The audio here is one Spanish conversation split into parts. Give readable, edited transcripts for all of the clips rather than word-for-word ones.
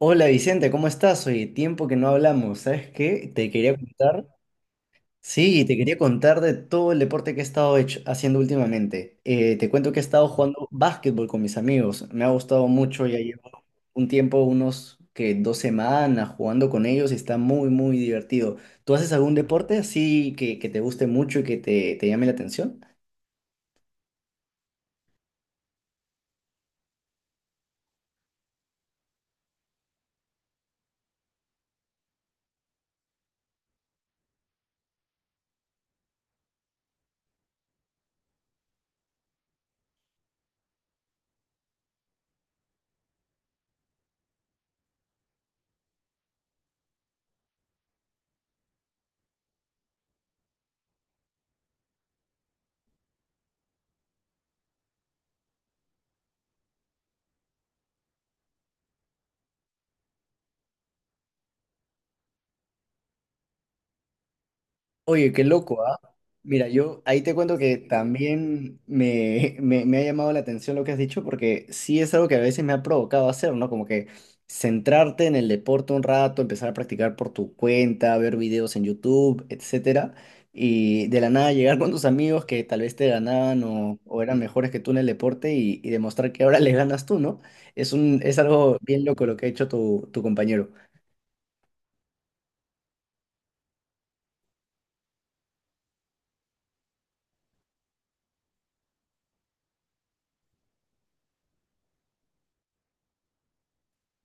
Hola Vicente, ¿cómo estás? Oye, tiempo que no hablamos, ¿sabes qué? Te quería contar. Sí, te quería contar de todo el deporte que he estado haciendo últimamente. Te cuento que he estado jugando básquetbol con mis amigos. Me ha gustado mucho, ya llevo un tiempo, unos que 2 semanas jugando con ellos y está muy, muy divertido. ¿Tú haces algún deporte así que te guste mucho y que te llame la atención? Oye, qué loco, ¿ah? Mira, yo ahí te cuento que también me ha llamado la atención lo que has dicho, porque sí es algo que a veces me ha provocado hacer, ¿no? Como que centrarte en el deporte un rato, empezar a practicar por tu cuenta, ver videos en YouTube, etcétera, y de la nada llegar con tus amigos que tal vez te ganaban o eran mejores que tú en el deporte y demostrar que ahora les ganas tú, ¿no? Es algo bien loco lo que ha hecho tu compañero.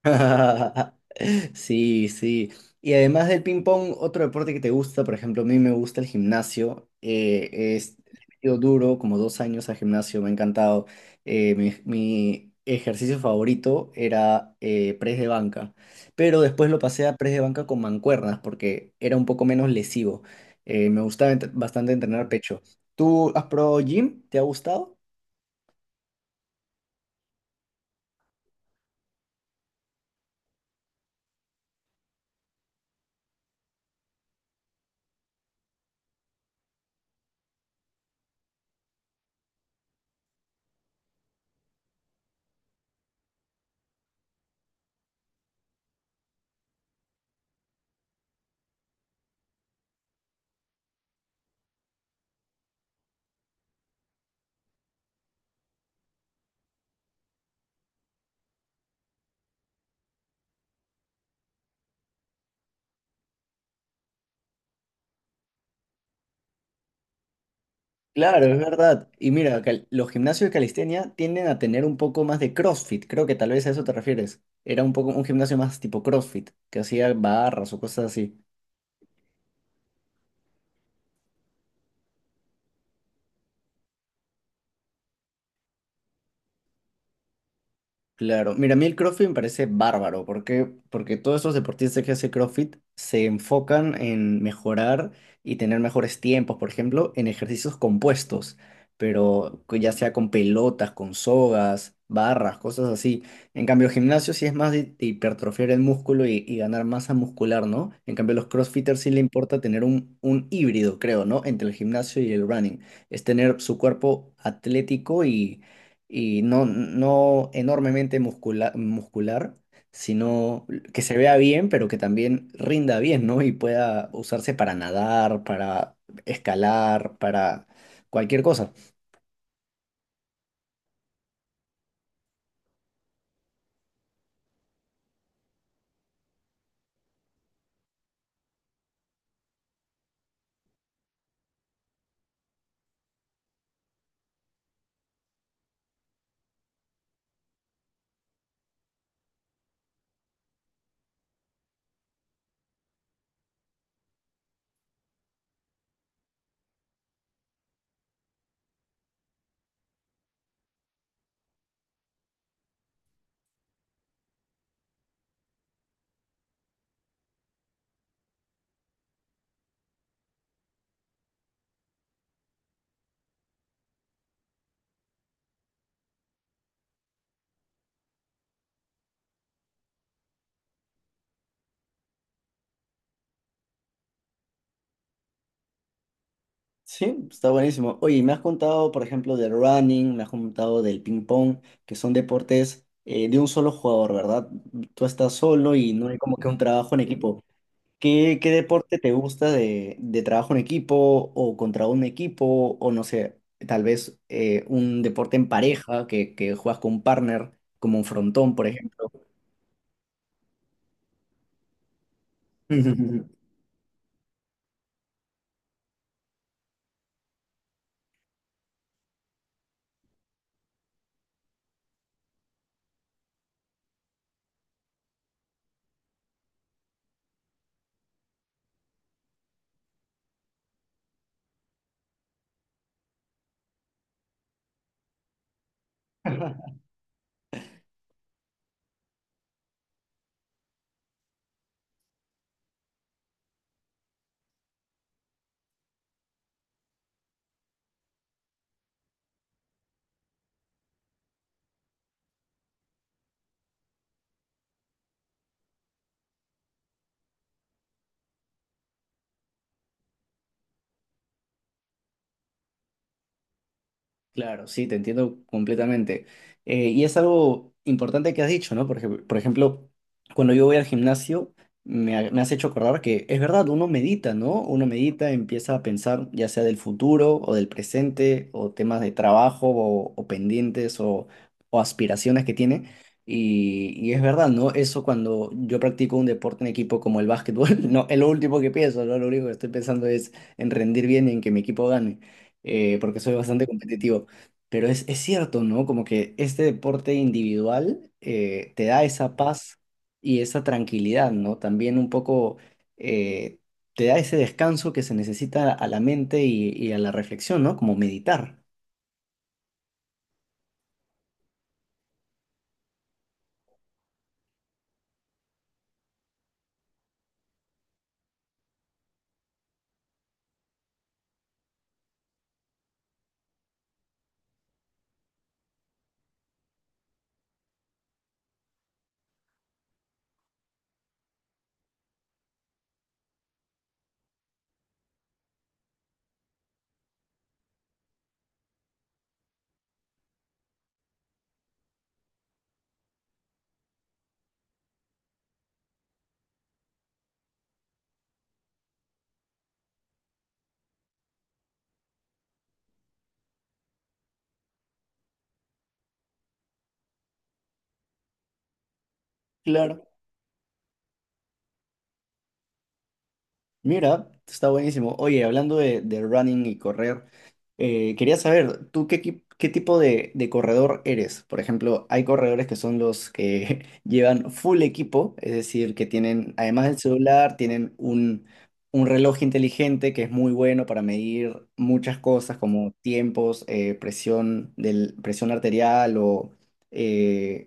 Sí, sí. Y además del ping pong, otro deporte que te gusta, por ejemplo, a mí me gusta el gimnasio. Es, le he metido duro, como 2 años al gimnasio, me ha encantado. Mi ejercicio favorito era press de banca, pero después lo pasé a press de banca con mancuernas porque era un poco menos lesivo. Me gustaba bastante entrenar pecho. ¿Tú has probado gym? ¿Te ha gustado? Claro, es verdad. Y mira, los gimnasios de calistenia tienden a tener un poco más de CrossFit. Creo que tal vez a eso te refieres. Era un poco un gimnasio más tipo CrossFit, que hacía barras o cosas así. Claro, mira, a mí el CrossFit me parece bárbaro, ¿por qué? Porque todos esos deportistas que hacen CrossFit se enfocan en mejorar y tener mejores tiempos, por ejemplo, en ejercicios compuestos, pero que ya sea con pelotas, con sogas, barras, cosas así. En cambio, el gimnasio sí es más de hipertrofiar el músculo y ganar masa muscular, ¿no? En cambio, a los CrossFitters sí le importa tener un híbrido, creo, ¿no? Entre el gimnasio y el running. Es tener su cuerpo atlético y no, no enormemente muscular, sino que se vea bien, pero que también rinda bien, ¿no? Y pueda usarse para nadar, para escalar, para cualquier cosa. Sí, está buenísimo. Oye, me has contado, por ejemplo, del running, me has contado del ping pong, que son deportes de un solo jugador, ¿verdad? Tú estás solo y no hay como que un trabajo en equipo. ¿Qué, qué deporte te gusta de trabajo en equipo o contra un equipo o no sé, tal vez un deporte en pareja que juegas con un partner, como un frontón, por ejemplo? Claro, sí, te entiendo completamente. Y es algo importante que has dicho, ¿no? Porque, por ejemplo, cuando yo voy al gimnasio, me has hecho acordar que es verdad, uno medita, ¿no? Uno medita, empieza a pensar ya sea del futuro o del presente o temas de trabajo o pendientes o aspiraciones que tiene. Y es verdad, ¿no? Eso cuando yo practico un deporte en equipo como el básquetbol, no, es lo último que pienso, ¿no? Lo único que estoy pensando es en rendir bien y en que mi equipo gane porque soy bastante competitivo. Pero es cierto, ¿no? Como que este deporte individual te da esa paz y esa tranquilidad, ¿no? También un poco eh, te da ese descanso que se necesita a la mente y a la reflexión, ¿no? Como meditar. Claro. Mira, está buenísimo. Oye, hablando de running y correr, quería saber, ¿tú qué, qué tipo de corredor eres? Por ejemplo, hay corredores que son los que llevan full equipo, es decir, que tienen, además del celular, tienen un reloj inteligente que es muy bueno para medir muchas cosas como tiempos, presión del, presión arterial o eh,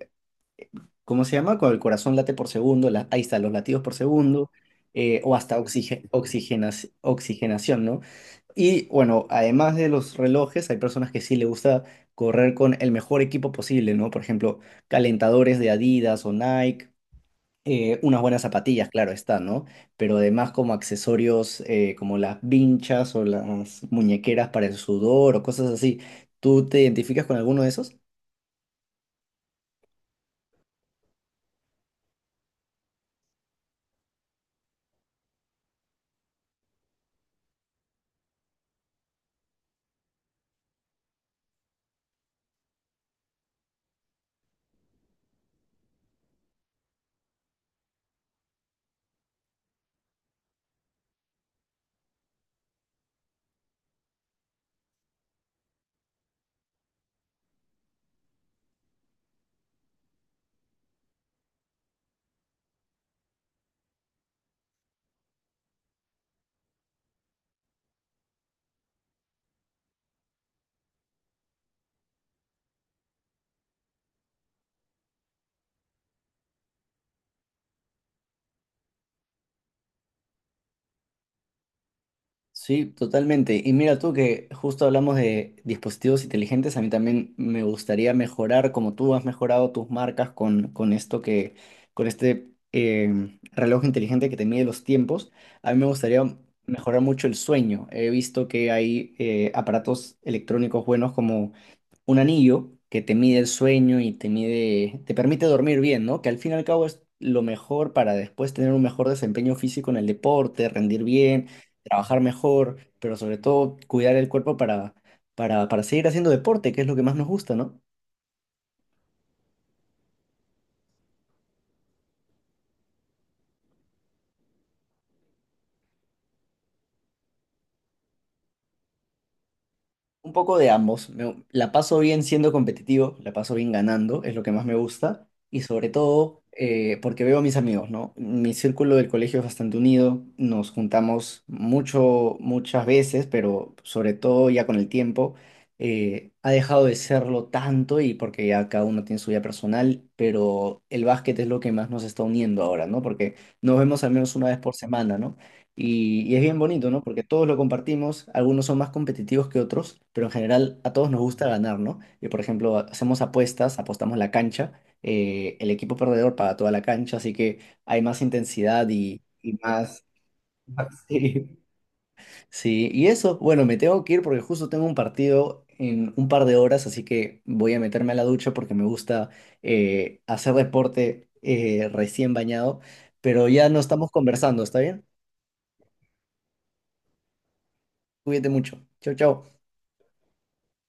¿cómo se llama? Cuando el corazón late por segundo, ahí está, los latidos por segundo, o hasta oxigenación, ¿no? Y bueno, además de los relojes, hay personas que sí le gusta correr con el mejor equipo posible, ¿no? Por ejemplo, calentadores de Adidas o Nike, unas buenas zapatillas, claro está, ¿no? Pero además como accesorios como las vinchas o las muñequeras para el sudor o cosas así. ¿Tú te identificas con alguno de esos? Sí, totalmente. Y mira tú que justo hablamos de dispositivos inteligentes, a mí también me gustaría mejorar, como tú has mejorado tus marcas con esto que, con este reloj inteligente que te mide los tiempos, a mí me gustaría mejorar mucho el sueño. He visto que hay aparatos electrónicos buenos como un anillo que te mide el sueño y te mide, te permite dormir bien, ¿no? Que al fin y al cabo es lo mejor para después tener un mejor desempeño físico en el deporte, rendir bien, trabajar mejor, pero sobre todo cuidar el cuerpo para seguir haciendo deporte, que es lo que más nos gusta, ¿no? Un poco de ambos. La paso bien siendo competitivo, la paso bien ganando, es lo que más me gusta. Y sobre todo porque veo a mis amigos, ¿no? Mi círculo del colegio es bastante unido, nos juntamos mucho, muchas veces, pero sobre todo ya con el tiempo ha dejado de serlo tanto y porque ya cada uno tiene su vida personal, pero el básquet es lo que más nos está uniendo ahora, ¿no? Porque nos vemos al menos una vez por semana, ¿no? Y es bien bonito, ¿no? Porque todos lo compartimos, algunos son más competitivos que otros, pero en general a todos nos gusta ganar, ¿no? Y por ejemplo, hacemos apuestas, apostamos la cancha, el equipo perdedor paga toda la cancha, así que hay más intensidad y más... Sí. Sí, y eso, bueno, me tengo que ir porque justo tengo un partido en un par de horas, así que voy a meterme a la ducha porque me gusta hacer deporte recién bañado, pero ya no estamos conversando, ¿está bien? Cuídate mucho. Chau, chau.